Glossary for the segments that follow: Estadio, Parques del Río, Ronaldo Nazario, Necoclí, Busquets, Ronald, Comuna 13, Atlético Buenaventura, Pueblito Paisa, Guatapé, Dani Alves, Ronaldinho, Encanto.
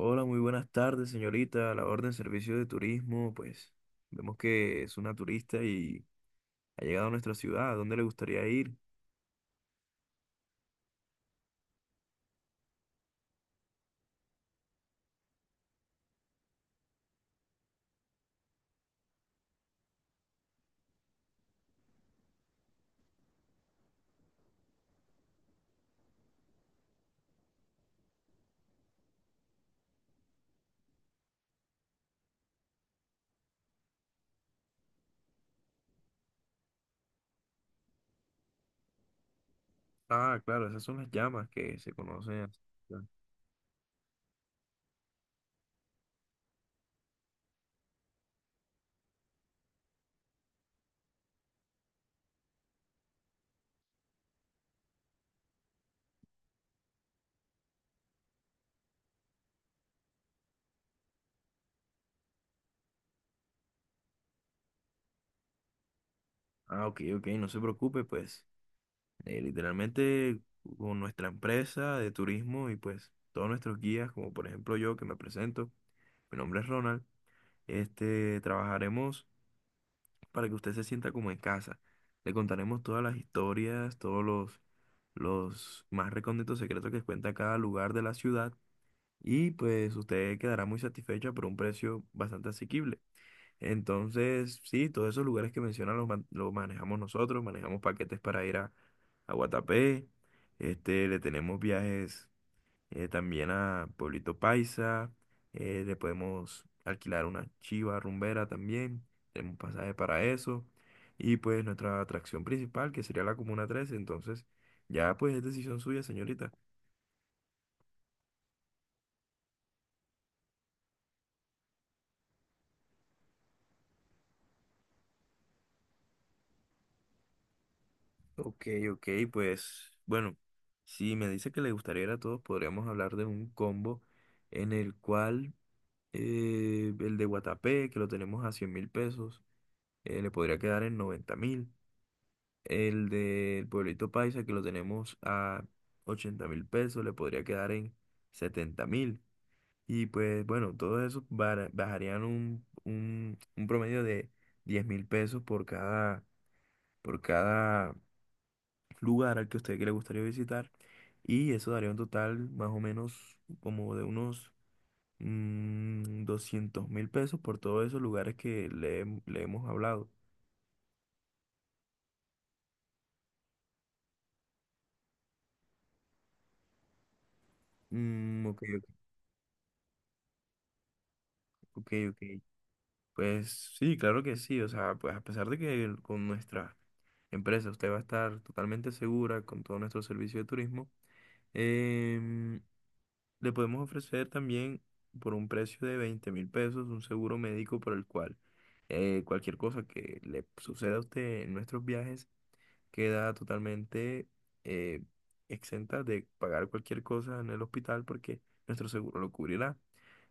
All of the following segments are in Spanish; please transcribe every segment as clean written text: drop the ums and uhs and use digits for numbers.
Hola, muy buenas tardes, señorita. A la orden servicio de turismo, pues vemos que es una turista y ha llegado a nuestra ciudad. ¿A dónde le gustaría ir? Ah, claro, esas son las llamas que se conocen así. Ah, ok, ok, no se preocupe, pues literalmente con nuestra empresa de turismo y pues todos nuestros guías, como por ejemplo yo que me presento, mi nombre es Ronald, este, trabajaremos para que usted se sienta como en casa. Le contaremos todas las historias, los más recónditos secretos que cuenta cada lugar de la ciudad y pues usted quedará muy satisfecha por un precio bastante asequible. Entonces, sí, todos esos lugares que menciona los manejamos nosotros, manejamos paquetes para ir a Guatapé, este, le tenemos viajes, también a Pueblito Paisa. Eh, le podemos alquilar una chiva rumbera también, tenemos pasaje para eso, y pues nuestra atracción principal que sería la Comuna 13. Entonces ya pues es decisión suya, señorita. Ok, ok, pues bueno, si me dice que le gustaría ir a todos, podríamos hablar de un combo en el cual el de Guatapé, que lo tenemos a 100 mil pesos, le podría quedar en 90 mil. El del pueblito paisa que lo tenemos a 80 mil pesos le podría quedar en 70 mil. Y pues bueno, todo eso bajarían un promedio de 10 mil pesos por cada lugar al que a usted que le gustaría visitar. Y eso daría un total más o menos como de unos 200 mil pesos por todos esos lugares que le hemos hablado. Ok, ok, ok. Ok. Pues sí, claro que sí. O sea, pues a pesar de que con nuestra empresa usted va a estar totalmente segura con todo nuestro servicio de turismo. Em, le podemos ofrecer también por un precio de 20 mil pesos un seguro médico por el cual cualquier cosa que le suceda a usted en nuestros viajes queda totalmente eh, exenta de pagar cualquier cosa en el hospital porque nuestro seguro lo cubrirá.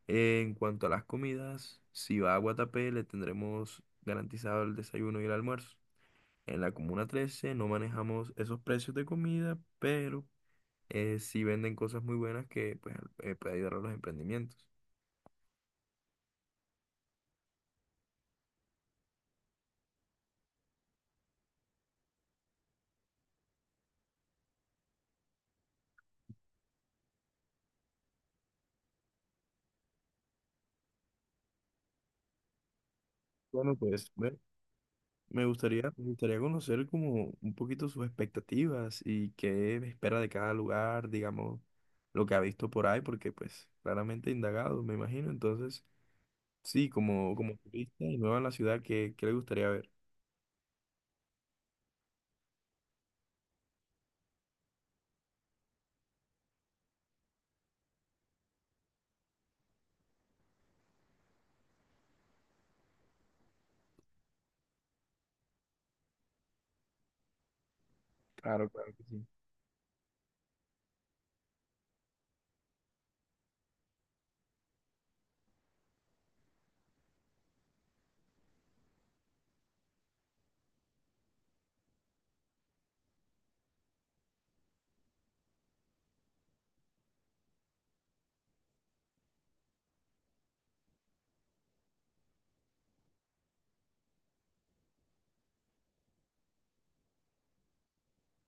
En cuanto a las comidas, si va a Guatapé le tendremos garantizado el desayuno y el almuerzo. En la Comuna 13 no manejamos esos precios de comida, pero sí venden cosas muy buenas que pues, puede ayudar a los emprendimientos. Bueno, pues ve, me gustaría conocer como un poquito sus expectativas y qué espera de cada lugar, digamos, lo que ha visto por ahí, porque pues claramente he indagado, me imagino. Entonces, sí, como, como turista y nueva en la ciudad, qué le gustaría ver? Claro, claro que sí.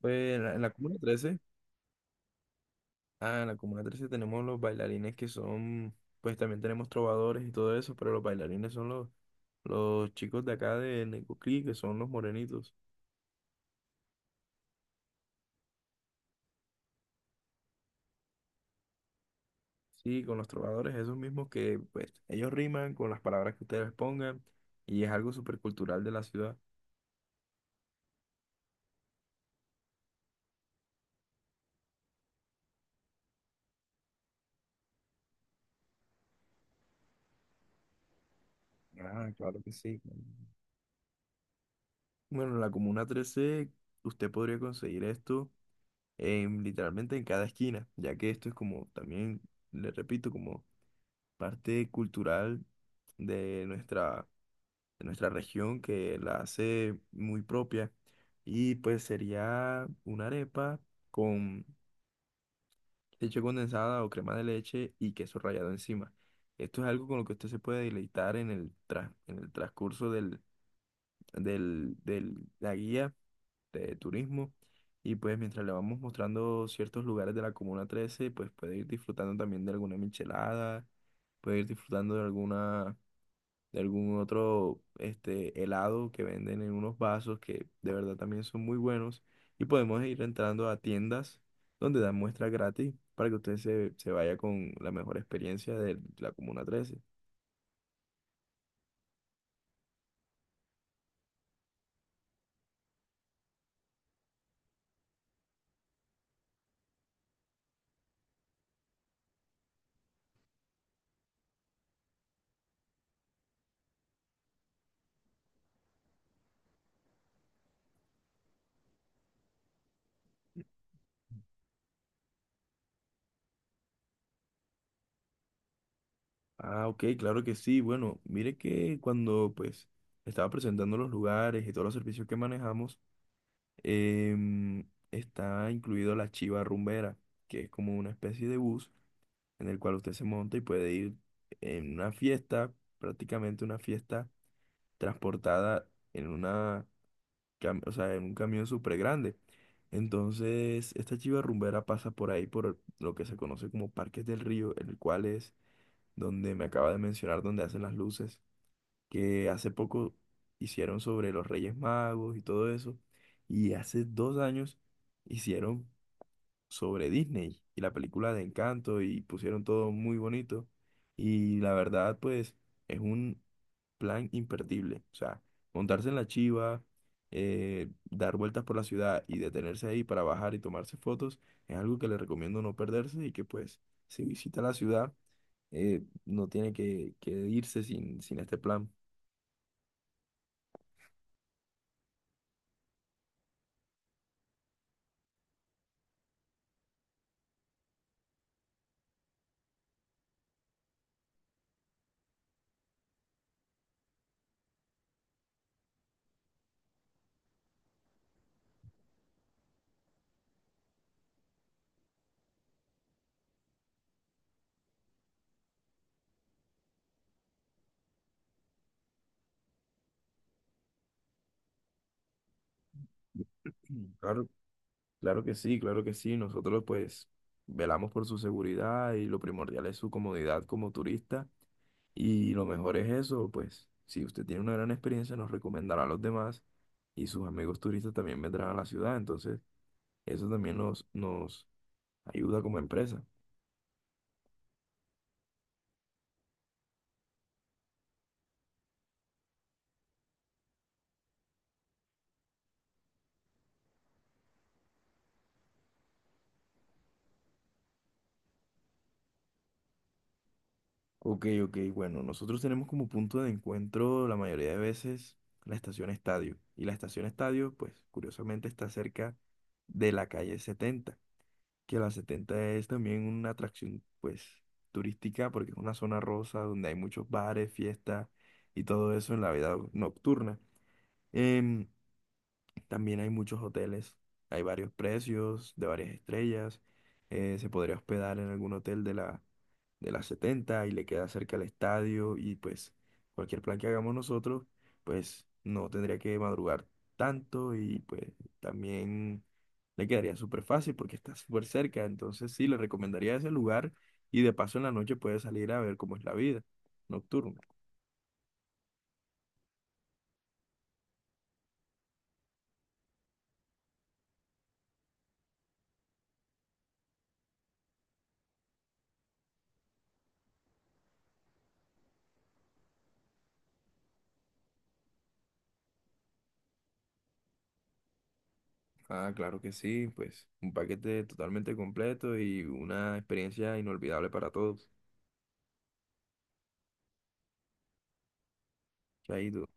Pues en la Comuna trece, ah, en la Comuna trece tenemos los bailarines que son, pues también tenemos trovadores y todo eso, pero los bailarines son los chicos de acá de Necoclí, que son los morenitos. Sí, con los trovadores, esos mismos que, pues, ellos riman con las palabras que ustedes pongan y es algo súper cultural de la ciudad. Ah, claro que sí. Bueno, en la Comuna trece usted podría conseguir esto en, literalmente en cada esquina, ya que esto es como también, le repito, como parte cultural de nuestra, de nuestra región que la hace muy propia. Y pues sería una arepa con leche condensada o crema de leche y queso rallado encima. Esto es algo con lo que usted se puede deleitar en en el transcurso del, del, del- la guía de turismo. Y pues mientras le vamos mostrando ciertos lugares de la Comuna trece pues puede ir disfrutando también de alguna michelada, puede ir disfrutando de alguna, de algún otro este, helado que venden en unos vasos que de verdad también son muy buenos. Y podemos ir entrando a tiendas donde dan muestras gratis para que se vaya con la mejor experiencia de la Comuna Trece. Ah, ok, claro que sí. Bueno, mire que cuando pues estaba presentando los lugares y todos los servicios que manejamos, está incluido la Chiva Rumbera, que es como una especie de bus en el cual usted se monta y puede ir en una fiesta, prácticamente una fiesta transportada o sea, en un camión súper grande. Entonces, esta chiva rumbera pasa por ahí, por lo que se conoce como Parques del Río, el cual es donde me acaba de mencionar, donde hacen las luces, que hace poco hicieron sobre los Reyes Magos y todo eso, y hace dos años hicieron sobre Disney y la película de Encanto y pusieron todo muy bonito. Y la verdad, pues, es un plan imperdible. O sea, montarse en la chiva, dar vueltas por la ciudad y detenerse ahí para bajar y tomarse fotos es algo que le recomiendo no perderse y que, pues, si visita la ciudad, no tiene que irse sin este plan. Claro. Claro que sí, claro que sí. Nosotros pues velamos por su seguridad y lo primordial es su comodidad como turista. Y lo mejor es eso, pues si usted tiene una gran experiencia nos recomendará a los demás y sus amigos turistas también vendrán a la ciudad. Entonces eso también nos ayuda como empresa. Ok, ok, bueno, nosotros tenemos como punto de encuentro la mayoría de veces la estación Estadio. Y la estación Estadio pues curiosamente está cerca de la calle 70. Que la 70 es también una atracción, pues, turística, porque es una zona rosa donde hay muchos bares, fiestas y todo eso en la vida nocturna. Em, también hay muchos hoteles, hay varios precios de varias estrellas. Eh, se podría hospedar en algún hotel de las 70 y le queda cerca el estadio y pues cualquier plan que hagamos nosotros, pues no tendría que madrugar tanto y pues también le quedaría súper fácil porque está súper cerca. Entonces sí, le recomendaría ese lugar y de paso en la noche puede salir a ver cómo es la vida nocturna. Ah, claro que sí, pues un paquete totalmente completo y una experiencia inolvidable para todos. Chaito.